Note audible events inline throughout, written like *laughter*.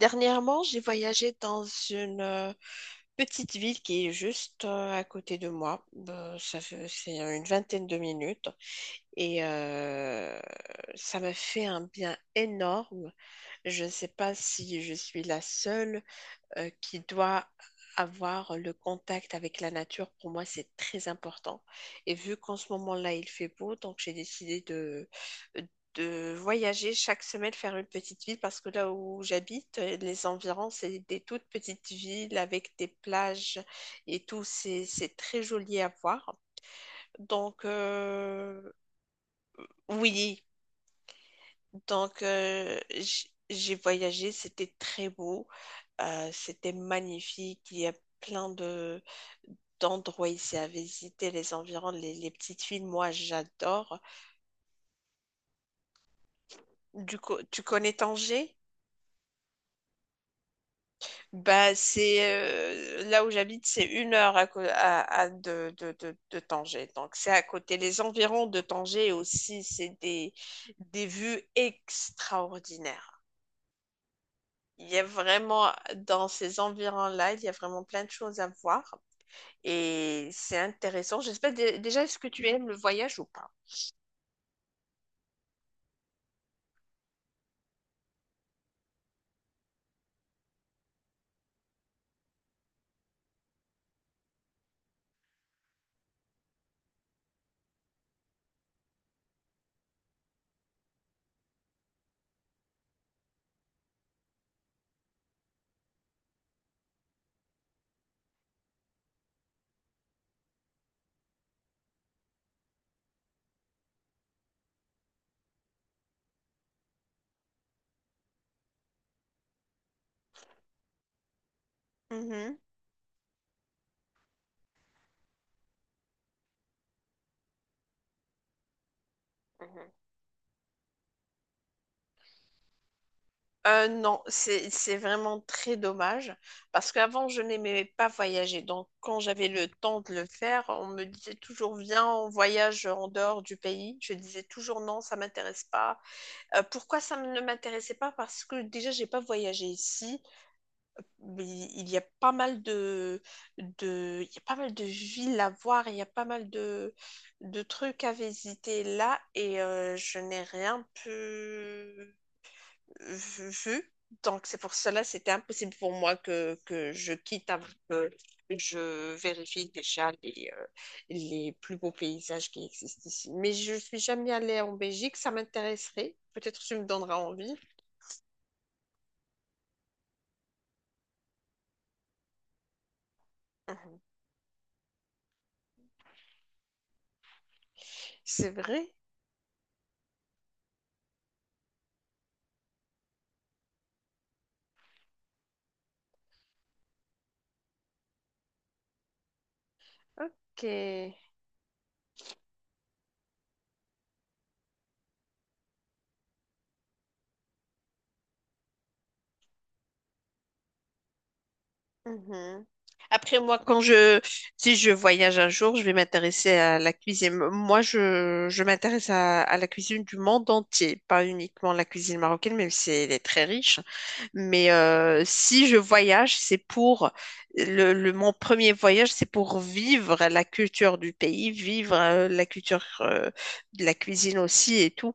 Dernièrement, j'ai voyagé dans une petite ville qui est juste à côté de moi. C'est une vingtaine de minutes et ça m'a fait un bien énorme. Je ne sais pas si je suis la seule qui doit avoir le contact avec la nature. Pour moi, c'est très important. Et vu qu'en ce moment-là, il fait beau, donc j'ai décidé de voyager chaque semaine, faire une petite ville, parce que là où j'habite, les environs, c'est des toutes petites villes avec des plages et tout. C'est très joli à voir. Donc, oui. Donc, j'ai voyagé, c'était très beau, c'était magnifique. Il y a plein de d'endroits ici à visiter, les environs, les petites villes, moi j'adore. Du coup, tu connais Tanger? Bah, c'est là où j'habite, c'est une heure à, co- à de Tanger. Donc, c'est à côté. Les environs de Tanger aussi, c'est des vues extraordinaires. Il y a vraiment, dans ces environs-là, il y a vraiment plein de choses à voir et c'est intéressant. Déjà, est-ce que tu aimes le voyage ou pas? Mhm. Mhm. Non, c'est vraiment très dommage parce qu'avant je n'aimais pas voyager. Donc quand j'avais le temps de le faire, on me disait toujours, viens, on voyage en dehors du pays. Je disais toujours non, ça m'intéresse pas. Pourquoi ça ne m'intéressait pas? Parce que déjà j'ai pas voyagé ici, mais il y a pas mal il y a pas mal de villes à voir, il y a pas mal de trucs à visiter là, et je n'ai rien pu vu. Donc c'est pour cela, c'était impossible pour moi que je quitte avant que je vérifie déjà les plus beaux paysages qui existent ici. Mais je ne suis jamais allée en Belgique, ça m'intéresserait. Peut-être que tu me donneras envie. Mhm. C'est vrai? Ok. Mhm. Après, moi, si je voyage un jour, je vais m'intéresser à la cuisine. Moi, je m'intéresse à la cuisine du monde entier, pas uniquement la cuisine marocaine, même si elle est très riche. Mais si je voyage, c'est pour mon premier voyage, c'est pour vivre la culture du pays, vivre la culture, de la cuisine aussi et tout.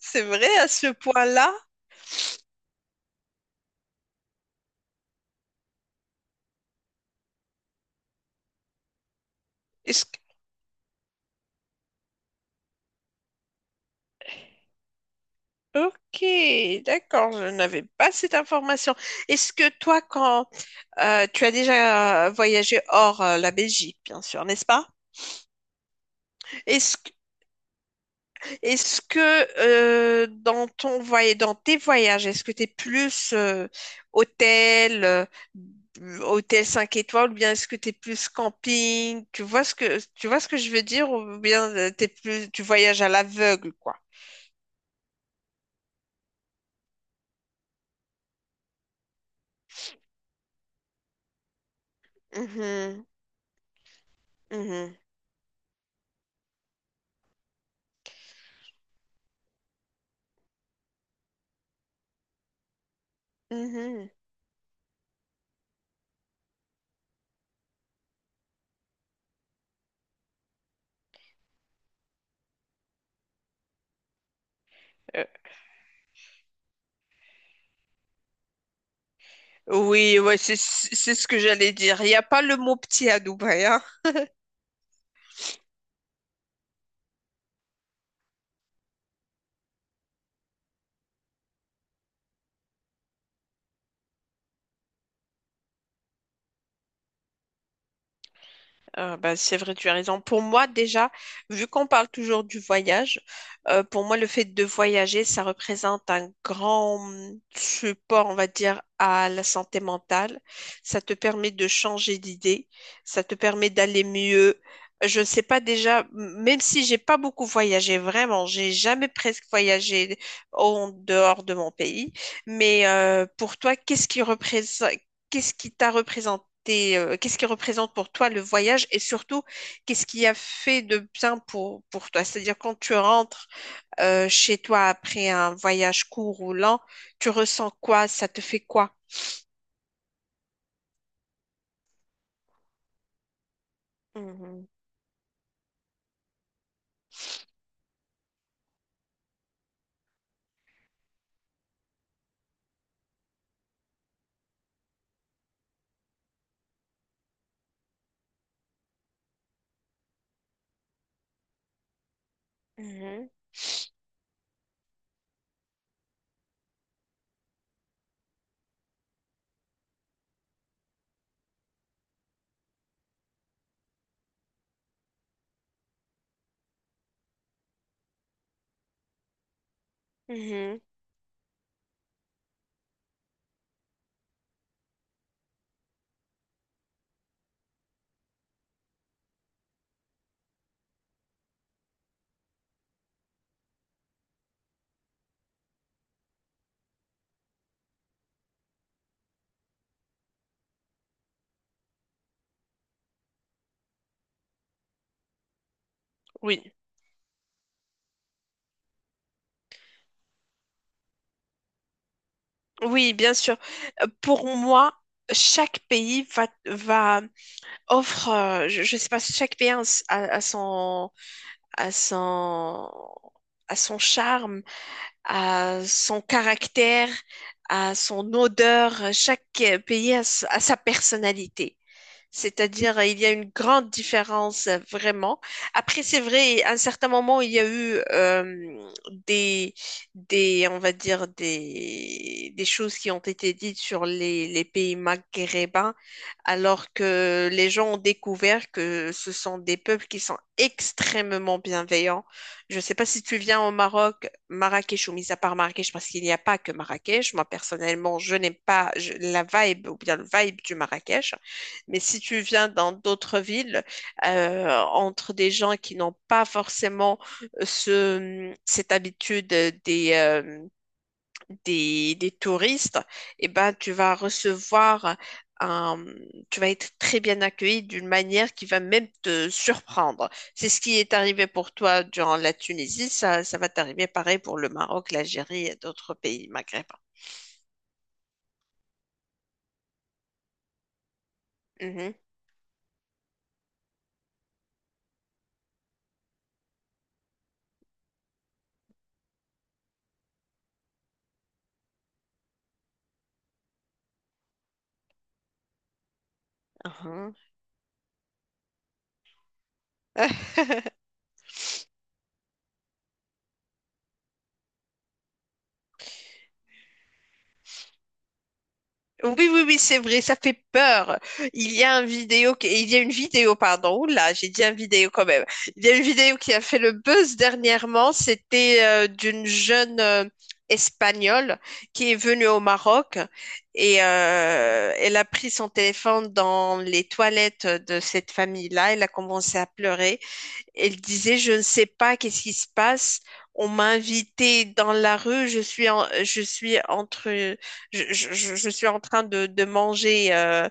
C'est vrai à ce point-là? Ok, d'accord, je n'avais pas cette information. Est-ce que toi, quand tu as déjà voyagé hors la Belgique, bien sûr, n'est-ce pas? Est-ce, que- Est-ce que dans ton voyage, dans tes voyages, est-ce que tu es plus hôtel, euh, hôtel 5 étoiles, ou bien est-ce que tu es plus camping? Tu vois ce que je veux dire, ou bien t'es plus, tu voyages à l'aveugle, quoi. Mhm, mhm, mhm. Oui, ouais, c'est ce que j'allais dire. Il n'y a pas le mot petit à Dubaï, hein. Bah, c'est vrai, tu as raison. Pour moi, déjà, vu qu'on parle toujours du voyage, pour moi, le fait de voyager, ça représente un grand support, on va dire, à la santé mentale. Ça te permet de changer d'idée, ça te permet d'aller mieux. Je ne sais pas déjà, même si j'ai pas beaucoup voyagé, vraiment, j'ai jamais presque voyagé en dehors de mon pays. Mais pour toi, qu'est-ce qui t'a représenté, qu'est-ce qui représente pour toi le voyage et surtout, qu'est-ce qui a fait de bien pour toi? C'est-à-dire, quand tu rentres chez toi après un voyage court ou lent, tu ressens quoi? Ça te fait quoi? Mhm. Mhm, mhm. Oui, oui, bien sûr. Pour moi, chaque pays je sais pas, chaque pays a, a- son, a son, a son charme, a son caractère, a son odeur. Chaque pays a sa personnalité. C'est-à-dire, il y a une grande différence, vraiment. Après, c'est vrai, à un certain moment, il y a eu des, on va dire, des choses qui ont été dites sur les pays maghrébins, alors que les gens ont découvert que ce sont des peuples qui sont extrêmement bienveillants. Je ne sais pas si tu viens au Maroc, Marrakech, ou mis à part Marrakech, parce qu'il n'y a pas que Marrakech. Moi, personnellement, je n'aime pas je- la vibe ou bien le vibe du Marrakech. Mais si tu viens dans d'autres villes, entre des gens qui n'ont pas forcément cette habitude des touristes, eh ben, tu vas recevoir un, tu vas être très bien accueilli d'une manière qui va même te surprendre. C'est ce qui est arrivé pour toi durant la Tunisie, ça va t'arriver pareil pour le Maroc, l'Algérie et d'autres pays maghrébins. Mhm, mhm. *laughs* Oui, oui, oui, c'est vrai, ça fait peur. Il y a une vidéo, pardon, là, j'ai dit un vidéo quand même. Il y a une vidéo qui a fait le buzz dernièrement, c'était d'une jeune Espagnole qui est venue au Maroc, et elle a pris son téléphone dans les toilettes de cette famille-là. Elle a commencé à pleurer. Elle disait, je ne sais pas qu'est-ce qui se passe. On m'a invitée dans la rue. Je suis en, je suis entre, je- Je suis en train de manger, euh,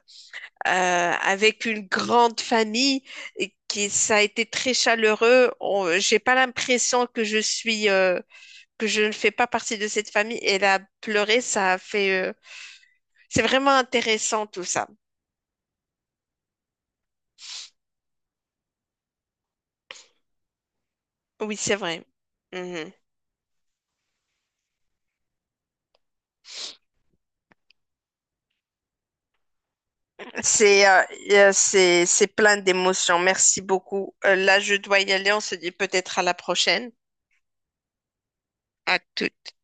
euh, avec une grande famille, et qui, ça a été très chaleureux. J'ai pas l'impression que je suis, que je ne fais pas partie de cette famille. Elle a pleuré. C'est vraiment intéressant tout ça. Oui, c'est vrai. Mhm. C'est euh, c'est plein d'émotions. Merci beaucoup. Là, je dois y aller. On se dit peut-être à la prochaine. À toutes.